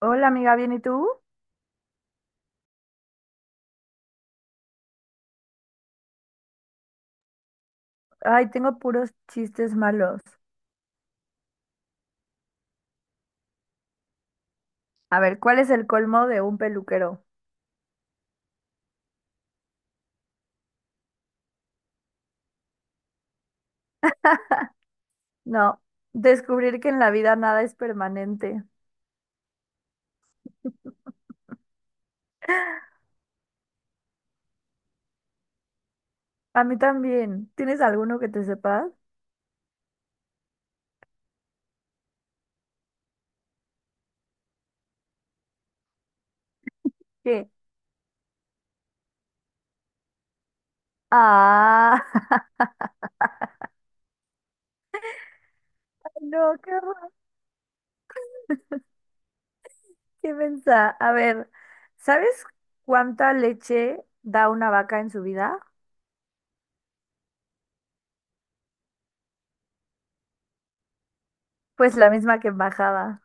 Hola amiga, ¿bien y tú? Ay, tengo puros chistes malos. A ver, ¿cuál es el colmo de un peluquero? No, descubrir que en la vida nada es permanente. A mí también. ¿Tienes alguno que te sepas? ¿Qué? Ah, no, qué horror, qué mensa. A ver, ¿sabes cuánta leche da una vaca en su vida? Pues la misma que embajada.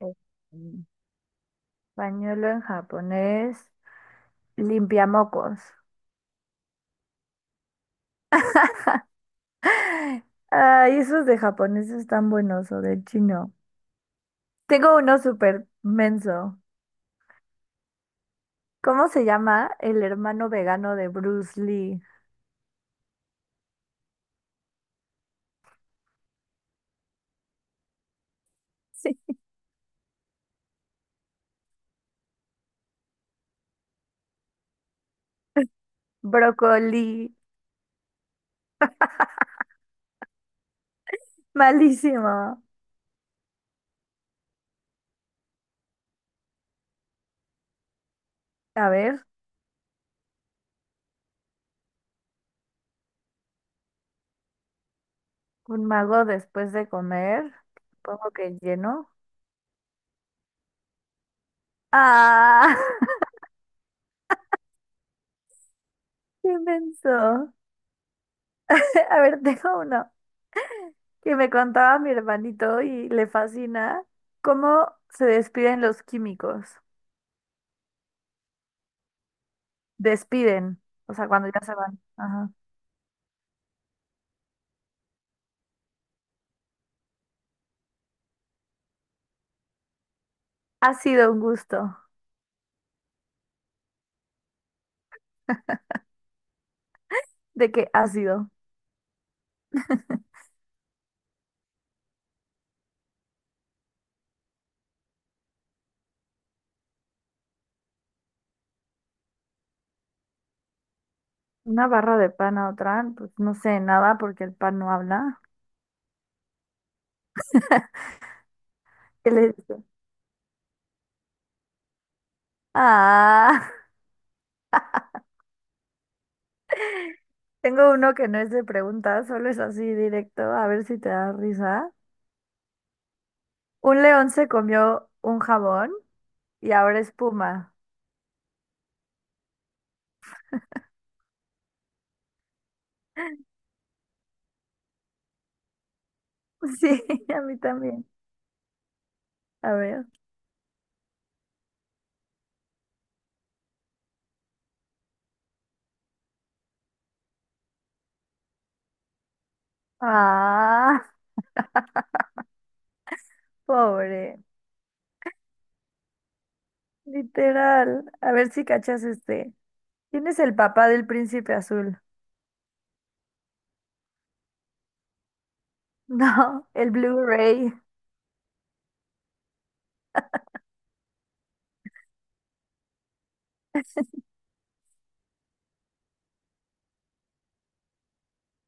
Eh, Pañuelo en japonés, limpiamocos. Ay, esos de japoneses están buenos o del chino. Tengo uno súper menso. ¿Cómo se llama? El hermano vegano de Bruce Lee. Sí. Brócoli. Malísimo. A ver, un mago después de comer. Supongo que lleno. Ah, qué menso. A ver, tengo uno que me contaba mi hermanito y le fascina. ¿Cómo se despiden los químicos? Despiden. O sea, cuando ya se van. Ajá. Ha sido un gusto. ¿De qué ha sido? Una barra de pan a otra, pues no sé nada porque el pan no habla. ¿Qué le dice? Ah, tengo uno que no es de preguntas, solo es así directo, a ver si te da risa. Un león se comió un jabón y ahora espuma. Sí, a mí también. A ver. Ah, pobre. Literal. A ver si cachas este. ¿Quién es el papá del príncipe azul? No, el Blu-ray.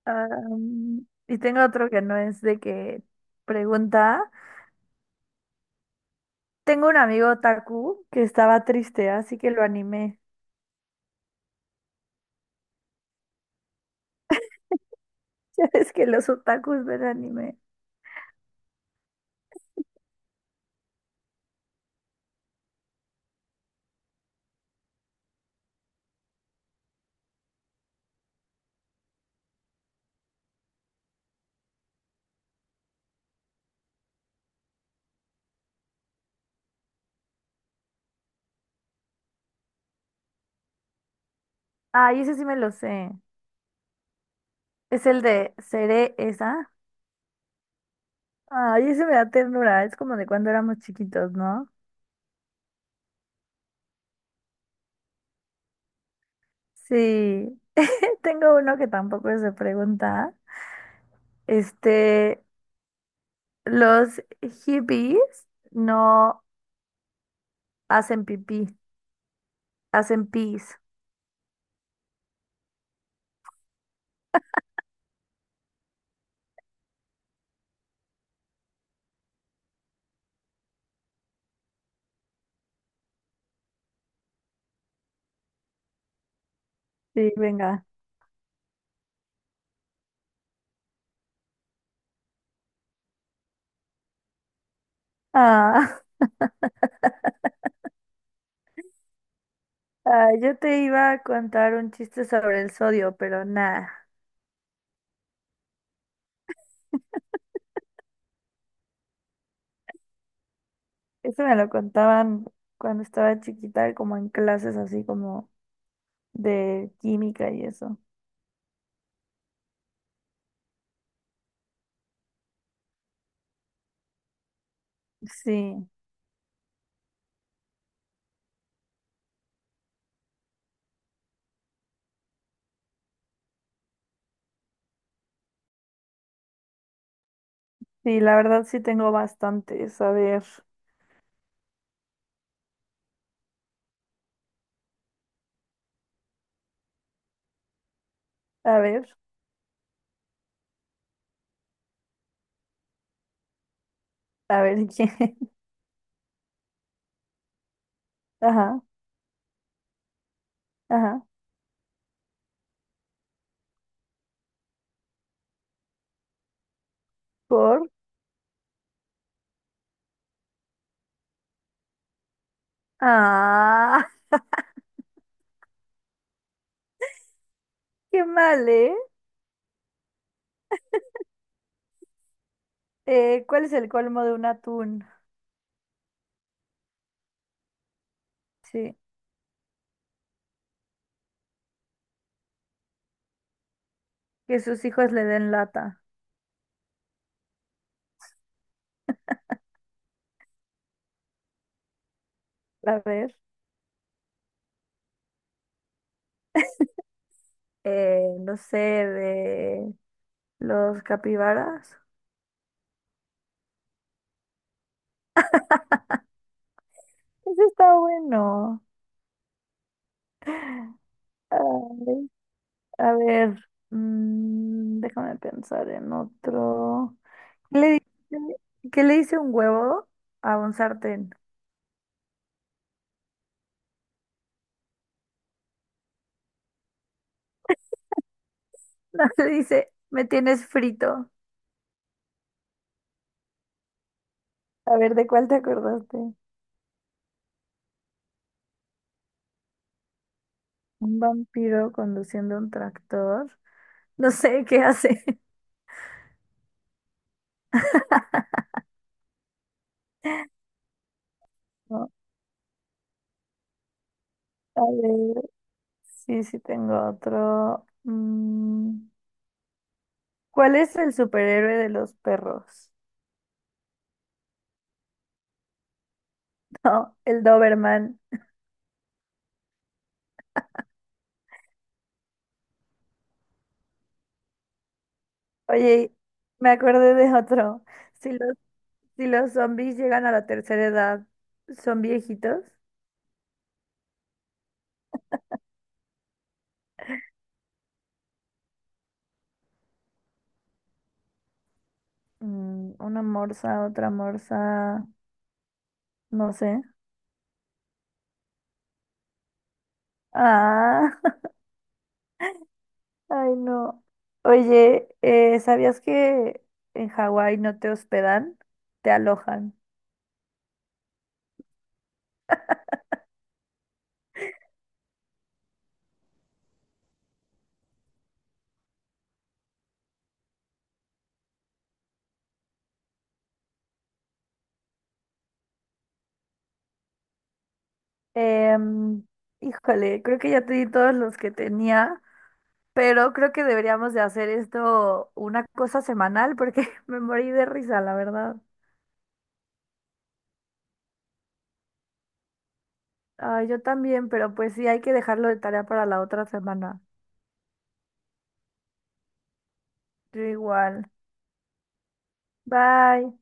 Y tengo otro que no es de que pregunta. Tengo un amigo otaku que estaba triste, así que lo animé. Ya ves que los otakus ven anime. Ay, ese sí me lo sé. Es el de Seré esa. Ay, ese me da ternura. Es como de cuando éramos chiquitos, ¿no? Sí. Tengo uno que tampoco es de pregunta. Este, los hippies no hacen pipí, hacen pis. Sí, venga. Ah. Ah, yo te iba a contar un chiste sobre el sodio, pero nada. Eso me lo contaban cuando estaba chiquita, como en clases así como de química y eso. Sí, sí, la verdad sí tengo bastantes. A ver, a ver, a ver quién. Ajá, ajá. Por. Ah, qué mal, ¿eh? ¿Cuál es el colmo de un atún? Sí, que sus hijos le den lata. A ver, no sé, de los capibaras. Eso está bueno. Ay, a ver, déjame pensar en otro. ¿Qué le dice, qué le dice un huevo a un sartén? No, le dice, me tienes frito. A ver, ¿de cuál te acordaste? Un vampiro conduciendo un tractor. No sé qué hace. No, a ver, sí, sí tengo otro. ¿Cuál es el superhéroe de los perros? No, el Doberman. Oye, me acordé de otro. Si los, si los zombies llegan a la tercera edad, ¿son viejitos? Mm, una morsa, otra morsa, no sé. Ah, ay no. Oye, ¿sabías que en Hawái no te hospedan? Te alojan. Em, híjole, creo que ya te di todos los que tenía, pero creo que deberíamos de hacer esto una cosa semanal porque me morí de risa, la verdad. Ay, yo también, pero pues sí, hay que dejarlo de tarea para la otra semana. Yo igual. Bye.